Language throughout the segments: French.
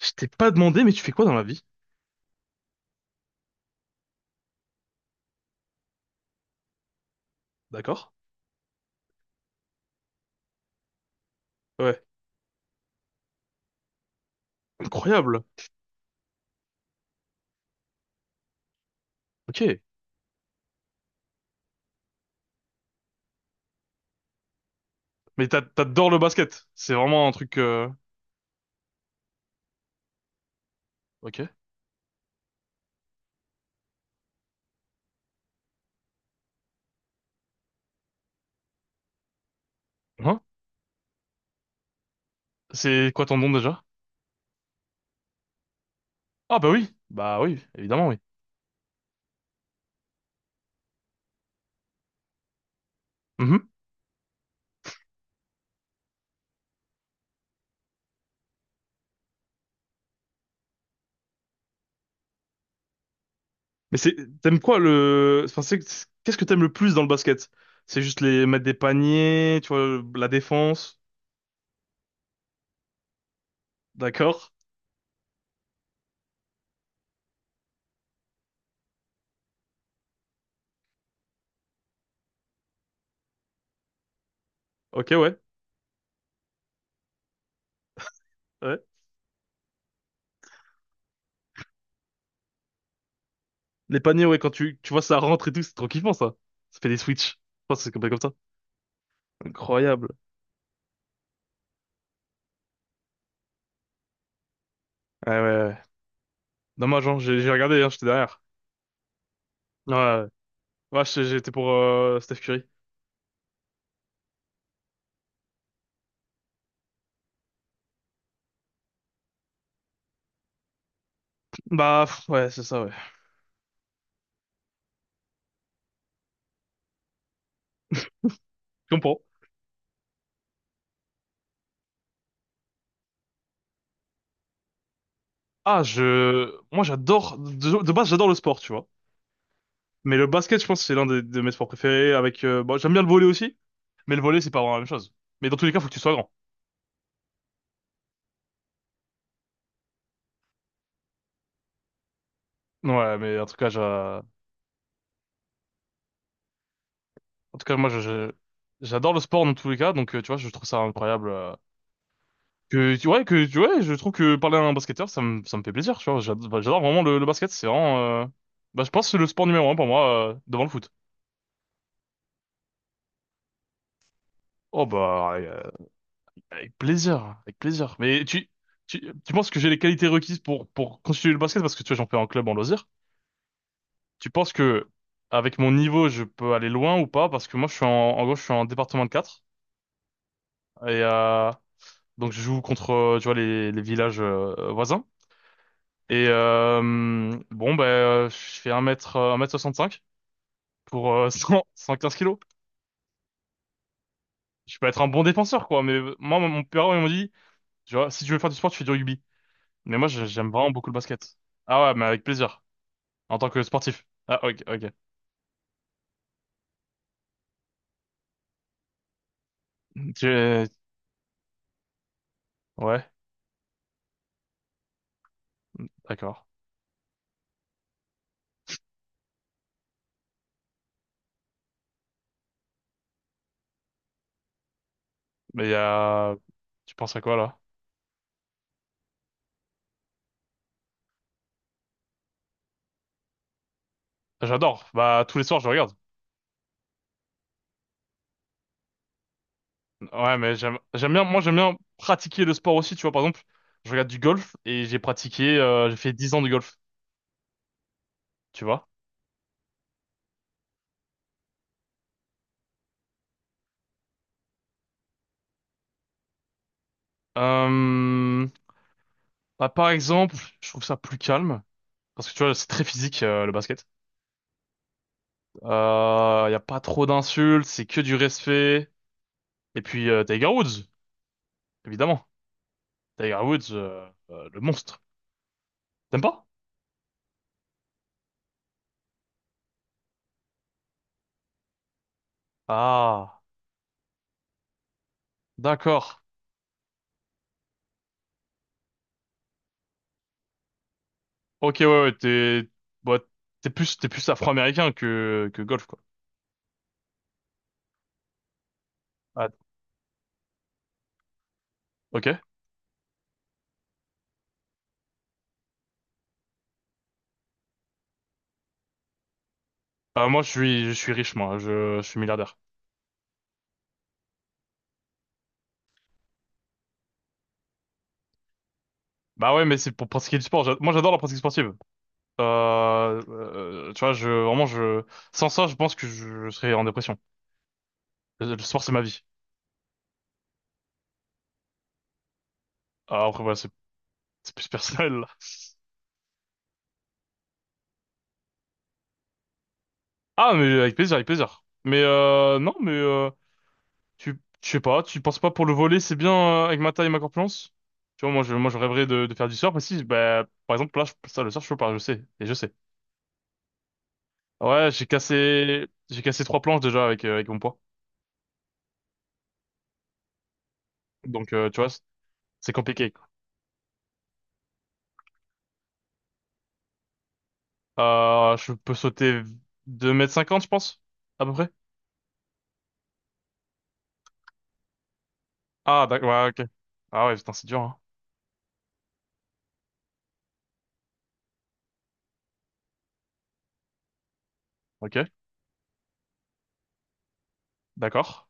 Je t'ai pas demandé, mais tu fais quoi dans la vie? D'accord? Ouais. Incroyable. Ok. Mais t'adores le basket. C'est vraiment un truc. Ok. Hein? C'est quoi ton nom déjà? Ah bah oui. Bah oui, évidemment oui. Mhm. Mais c'est t'aimes quoi le enfin, c'est qu'est-ce que t'aimes le plus dans le basket? C'est juste les mettre des paniers, tu vois, la défense. D'accord? Ok, ouais. Ouais. Les paniers, ouais, quand tu vois ça rentre et tout, c'est trop kiffant ça. Ça fait des switches. Je pense que c'est comme ça. Incroyable. Ouais, ouais, ouais. Dommage, hein, j'ai regardé, hein, j'étais derrière. Ouais, ouais, ouais, j'étais pour Steph Curry. Bah, pff, ouais, c'est ça, ouais. Je comprends. Ah, Moi, j'adore. De base, j'adore le sport, tu vois. Mais le basket, je pense c'est de mes sports préférés, avec... Bon, j'aime bien le volley aussi, mais le volley, c'est pas vraiment la même chose. Mais dans tous les cas, faut que tu sois grand. Ouais, mais en tout cas, moi, j'adore le sport dans tous les cas, donc, tu vois, je trouve ça incroyable. Que, tu ouais, je trouve que parler à un basketteur, ça me fait plaisir, tu vois. Bah, j'adore vraiment le basket, c'est vraiment. Bah, je pense que c'est le sport numéro un pour moi, devant le foot. Oh bah, ouais, avec plaisir, avec plaisir. Mais tu penses que j'ai les qualités requises pour constituer le basket, parce que tu vois, j'en fais en club, en loisir. Tu penses que avec mon niveau, je peux aller loin ou pas? Parce que moi, je suis en, je suis en département de quatre. Et donc, je joue contre, tu vois, les villages voisins. Et bon, ben, je fais 1 mètre cinq, pour cent quinze kilos. Je peux être un bon défenseur, quoi. Mais moi, mon père, il m'a dit, tu vois, si tu veux faire du sport, tu fais du rugby. Mais moi, j'aime vraiment beaucoup le basket. Ah ouais, mais avec plaisir. En tant que sportif. Ah, ok, ok. Tu- Ouais, d'accord. Mais il y a... Tu penses à quoi, là? J'adore. Bah, tous les soirs, je regarde. Ouais, mais j'aime bien, moi, j'aime bien pratiquer le sport aussi, tu vois. Par exemple, je regarde du golf et j'ai fait 10 ans de golf, tu vois. Euh, bah, par exemple, je trouve ça plus calme. Parce que tu vois, c'est très physique, le basket. Y a pas trop d'insultes, c'est que du respect. Et puis, Tiger Woods, évidemment. Tiger Woods, le monstre. T'aimes pas? Ah, d'accord. Ok, ouais, ouais, bah, t'es plus afro-américain que golf, quoi. Ah, ok. Ah, moi, je suis riche, moi. Je suis milliardaire. Bah ouais, mais c'est pour pratiquer du sport. Moi, j'adore la pratique sportive. Tu vois, je, vraiment, je, sans ça, je pense que je serais en dépression. Le sport, c'est ma vie. Ah, après, voilà, c'est plus personnel, là. Ah, mais avec plaisir, avec plaisir. Mais, non, mais, tu, je sais pas, tu penses pas pour le volet, c'est bien avec ma taille et ma corpulence? Tu vois, moi je rêverais de faire du surf aussi. Bah, par exemple, là, ça, le surf, je peux pas, je sais, et je sais. Ouais, j'ai cassé trois planches déjà avec, avec mon poids. Donc, tu vois, c'est compliqué. Je peux sauter 2,50 m, je pense, à peu près. Ah, d'accord, ouais, ok. Ah ouais, putain, c'est dur, hein. Ok, d'accord.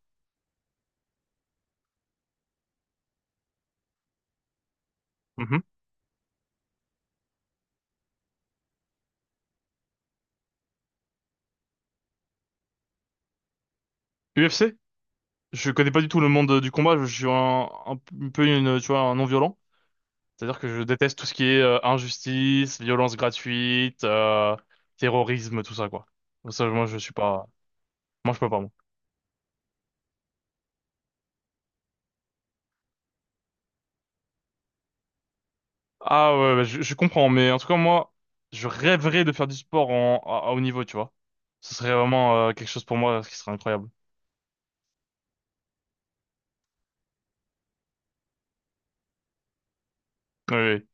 Mhm. UFC? Je connais pas du tout le monde du combat, je suis tu vois, un non-violent. C'est-à-dire que je déteste tout ce qui est injustice, violence gratuite, terrorisme, tout ça, quoi. Ça, moi, je suis pas... Moi, je peux pas, moi. Ah ouais, ouais, je comprends, mais en tout cas, moi, je rêverais de faire du sport à haut niveau, tu vois. Ce serait vraiment quelque chose pour moi, ce qui serait incroyable. Oui, oui.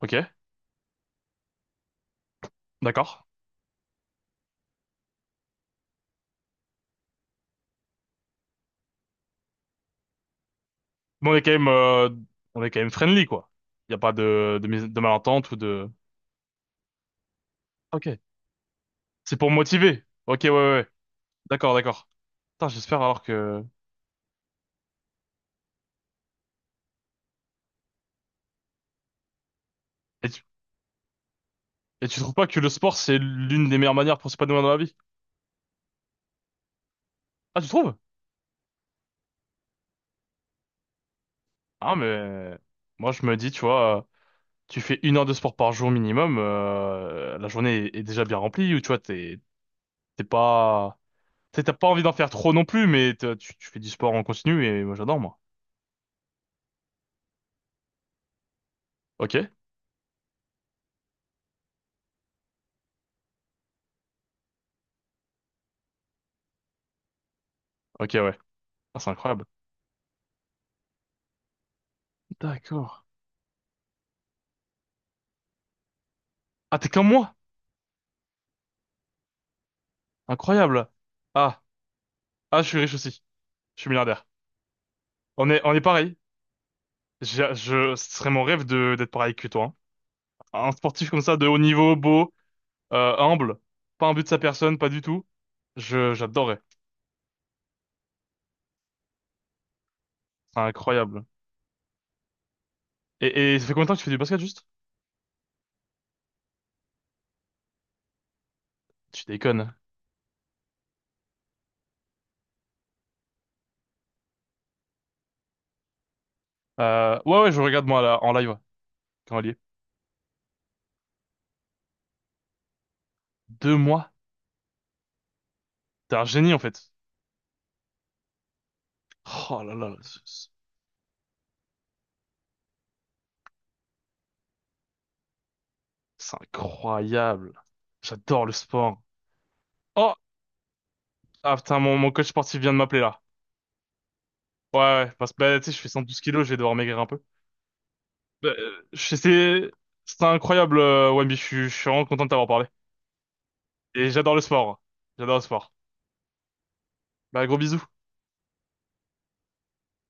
Ok, d'accord. Mais on est quand même friendly, quoi. Il n'y a pas de malentente ou de... Ok. C'est pour motiver. Ok, ouais, ouais, ouais. D'accord, d'accord. Putain, j'espère alors que... Et tu trouves pas que le sport, c'est l'une des meilleures manières pour s'épanouir dans la vie? Ah, tu trouves? Ah, mais moi, je me dis, tu vois, tu fais 1 heure de sport par jour minimum, la journée est déjà bien remplie, ou tu vois, t'es pas... T'sais, t'as pas envie d'en faire trop non plus, mais tu fais du sport en continu, et moi, j'adore, moi. Ok? Ok, ouais. Ah, c'est incroyable. D'accord. Ah, t'es comme moi? Incroyable. Ah, ah, je suis riche aussi. Je suis milliardaire. On est pareil. Ce serait mon rêve de d'être pareil que toi. Hein. Un sportif comme ça, de haut niveau, beau, humble, pas un but de sa personne, pas du tout. J'adorais. C'est incroyable. Et ça fait combien de temps que tu fais du basket juste? Tu déconnes. Ouais, ouais, je regarde moi là, en live, quand elle y est. 2 mois. T'es un génie en fait. Oh là là, c'est incroyable. J'adore le sport. Oh, ah, putain, mon coach sportif vient de m'appeler là. Ouais, ouais, parce que bah, tu sais, je fais 112 kilos, je vais devoir maigrir un peu. Bah, c'est incroyable, Wemby, je suis vraiment content de t'avoir parlé. Et j'adore le sport. J'adore le sport. Bah, gros bisous.